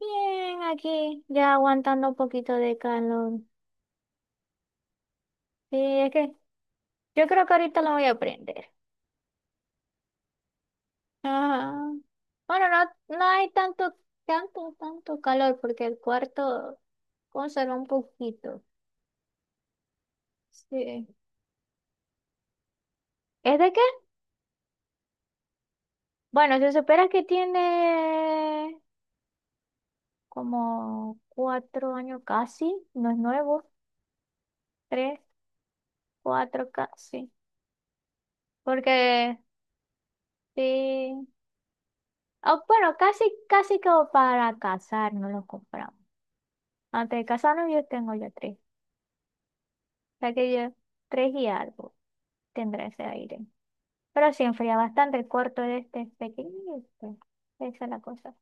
Bien, aquí ya aguantando un poquito de calor. Sí, es que yo creo que ahorita lo voy a prender. Ajá. Bueno, no, no hay tanto, tanto, tanto calor porque el cuarto conserva un poquito. Sí. ¿Es de qué? Bueno, se supone que tiene como cuatro años casi, no es nuevo, tres, cuatro casi. Porque sí, ah bueno, casi, casi como para casar, no lo compramos. Antes de casarnos yo tengo ya tres. O sea que yo tres y algo tendrá ese aire. Pero sí enfría bastante. El cuarto de este es pequeño. Esa es la cosa.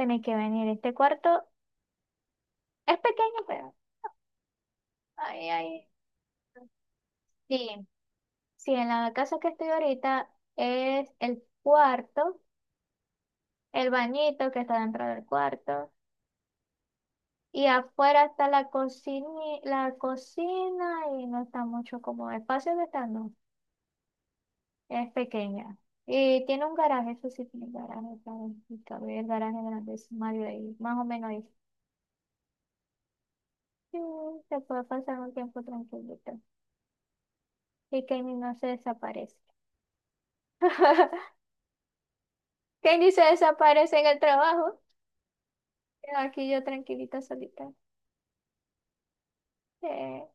Tenéis que venir. Este cuarto es pequeño, pero... Ay, ay. Sí. Sí, en la casa que estoy ahorita es el cuarto, el bañito que está dentro del cuarto. Y afuera está la cocina y no está mucho como espacio de estar, no. Es pequeña. Y tiene un garaje, eso sí tiene garaje, claro, y cabe el garaje grande de su marido ahí, más o menos ahí. Sí, se puede pasar un tiempo tranquilito. Y Kenny no se desaparece. Kenny se desaparece en el trabajo. Quedo aquí yo tranquilita, solita. De,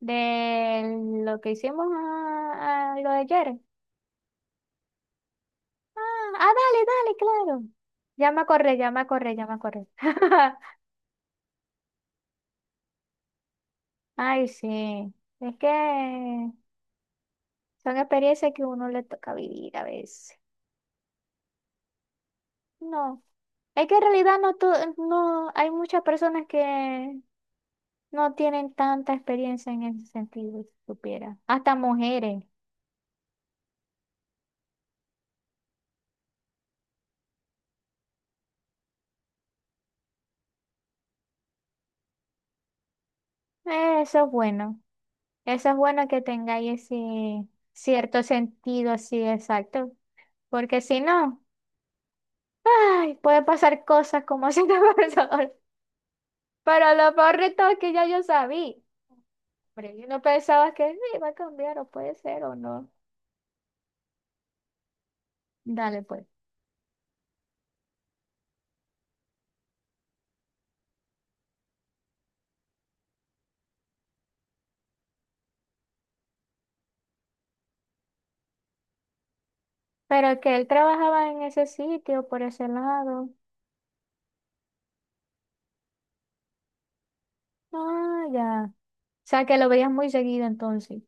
de lo que hicimos a lo de ayer. Ah, dale, dale, claro. Ya me acordé. Ay, sí. Es que son experiencias que uno le toca vivir a veces. No, es que en realidad no, no hay muchas personas que no tienen tanta experiencia en ese sentido, si supiera. Hasta mujeres. Eso es bueno. Eso es bueno que tengáis ese cierto sentido así, exacto. Porque si no, ay, puede pasar cosas como si te pasó. Pero lo peor de todo es que ya yo sabía. Pero yo no pensaba que sí, iba a cambiar o puede ser o no. Dale pues. Pero que él trabajaba en ese sitio, por ese lado. Ah, ya. O sea, que lo veías muy seguido entonces.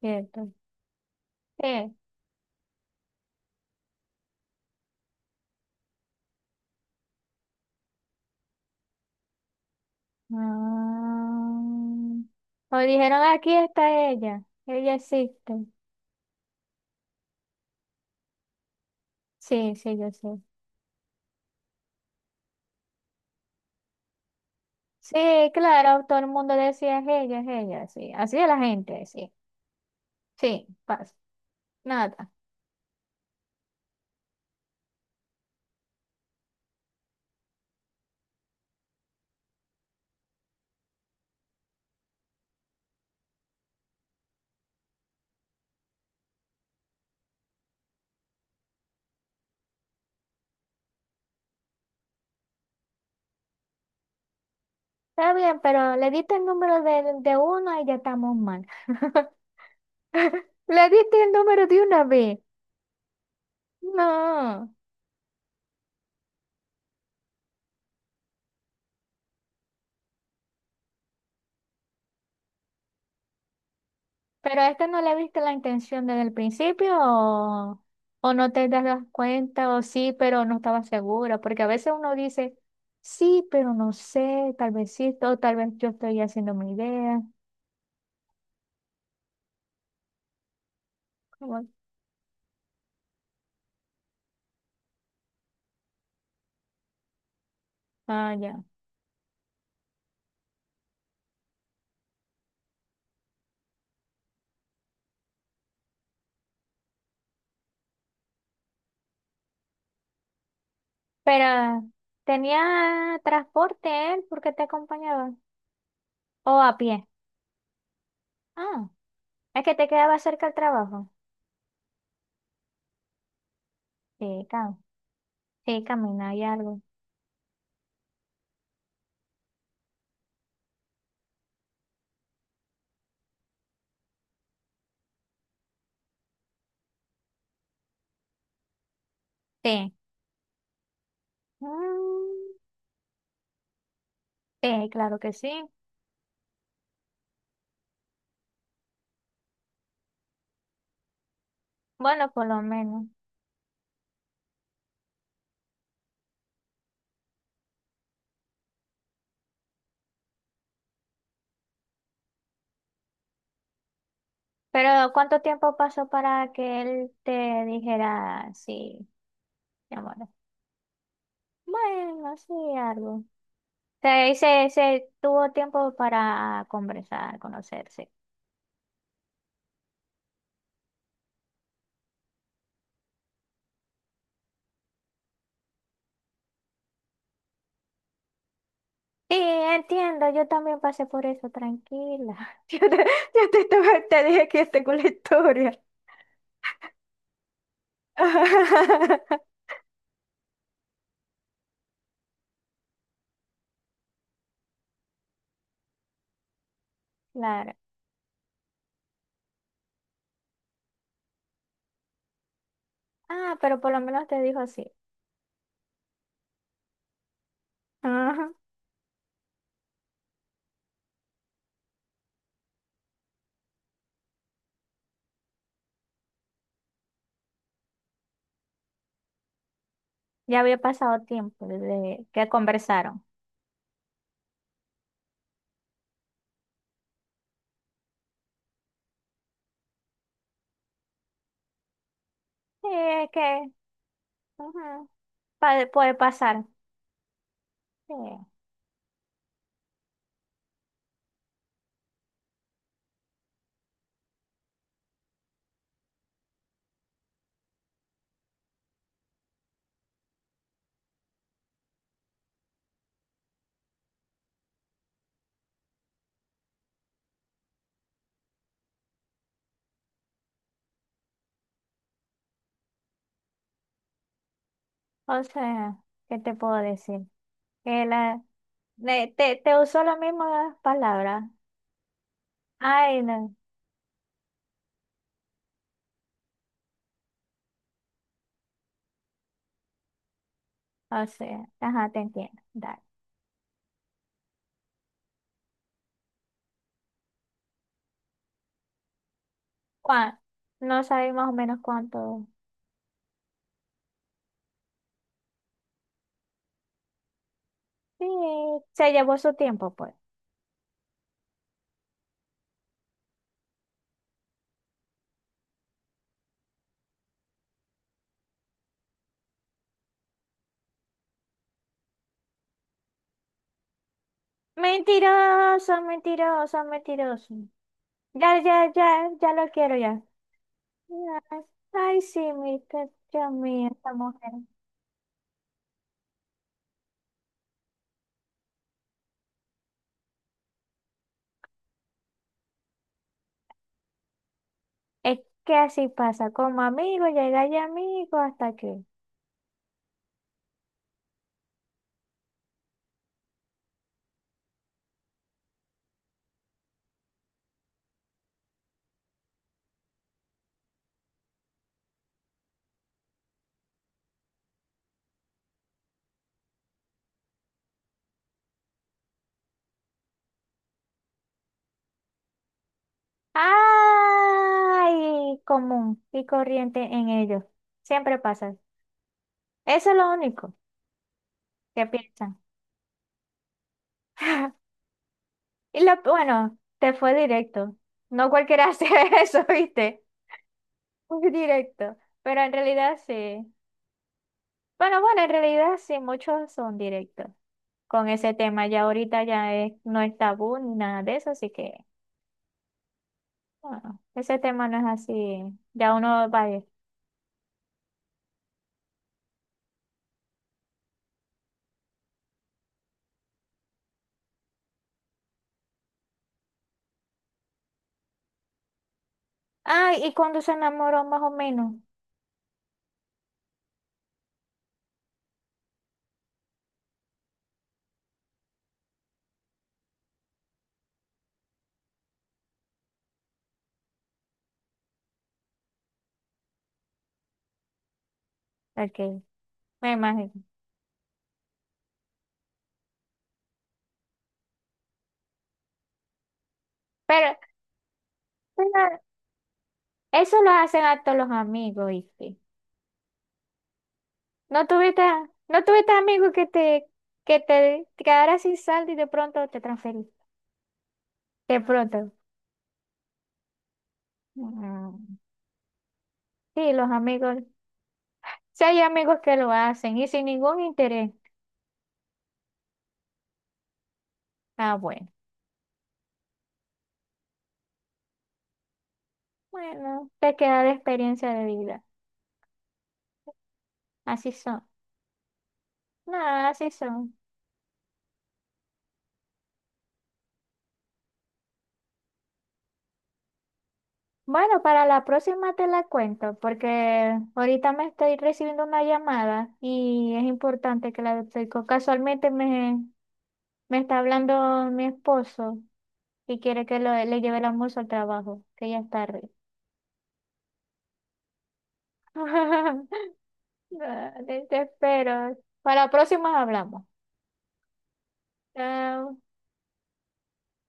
Cierto. Sí. Ah. O dijeron, aquí está ella. Ella existe. Sí, sí, yo sé. Sí, claro, todo el mundo decía, es ella, sí. Así es la gente, sí. Sí, pasa. Nada. Está bien, pero le diste el número de uno y ya estamos mal. Le diste el número de una vez. No. ¿Pero a este no le viste la intención desde el principio o no te das cuenta o sí, pero no estaba segura? Porque a veces uno dice, sí, pero no sé, tal vez sí, o tal vez yo estoy haciendo mi idea. Como, ah, ya. Pero, ¿tenía transporte él porque te acompañaba? ¿O a pie? Ah, es que te quedaba cerca del trabajo. Sí, cam sí, camina y algo. Sí. Mm, sí, claro que sí. Bueno, por lo menos. Pero ¿cuánto tiempo pasó para que él te dijera sí, mi amor? Bueno, sí, algo. O sea, y se tuvo tiempo para conversar, conocerse. Sí, entiendo, yo también pasé por eso, tranquila. Te dije que tengo la historia. Claro. Ah, pero por lo menos te dijo sí. Ajá. Ya había pasado tiempo desde que conversaron. Sí, es que ajá, puede pasar. Sí. O sea, ¿qué te puedo decir? Que la, te, te usó la misma palabra. Ay, no. O sea, ajá, te entiendo. Dale. ¿Cuán- No sabes más o menos cuánto. Sí, se llevó su tiempo, pues. Mentiroso, mentiroso, mentiroso. Ya, ya, ya, ya lo quiero ya. Ay, ay, sí, mi Dios mío, esta mujer. Es que así pasa, como amigo, llega ya amigo hasta aquí. Ay, común y corriente en ellos. Siempre pasa. Eso es lo único que piensan. Y lo, bueno, te fue directo. No cualquiera hace eso, ¿viste? Muy directo. Pero en realidad sí. Bueno, en realidad sí, muchos son directos con ese tema. Ya ahorita ya no es tabú ni nada de eso, así que bueno, ese tema no es así. Ya uno va a ir. Ay, ¿y cuando se enamoró más o menos? Ok, me imagino. Pero bueno, eso lo hacen a todos los amigos, ¿viste? No tuviste, no tuviste amigos que que te quedaras sin saldo y de pronto te transferiste. De pronto. Mm, sí, los amigos. Sí hay amigos que lo hacen y sin ningún interés. Ah, bueno. Bueno, te queda de experiencia de vida. Así son. No, así son. Bueno, para la próxima te la cuento, porque ahorita me estoy recibiendo una llamada y es importante que la estoy casualmente me... Me está hablando mi esposo y quiere que le lleve el almuerzo al trabajo, que ya es tarde. Dale, te espero. Para la próxima hablamos. Chao.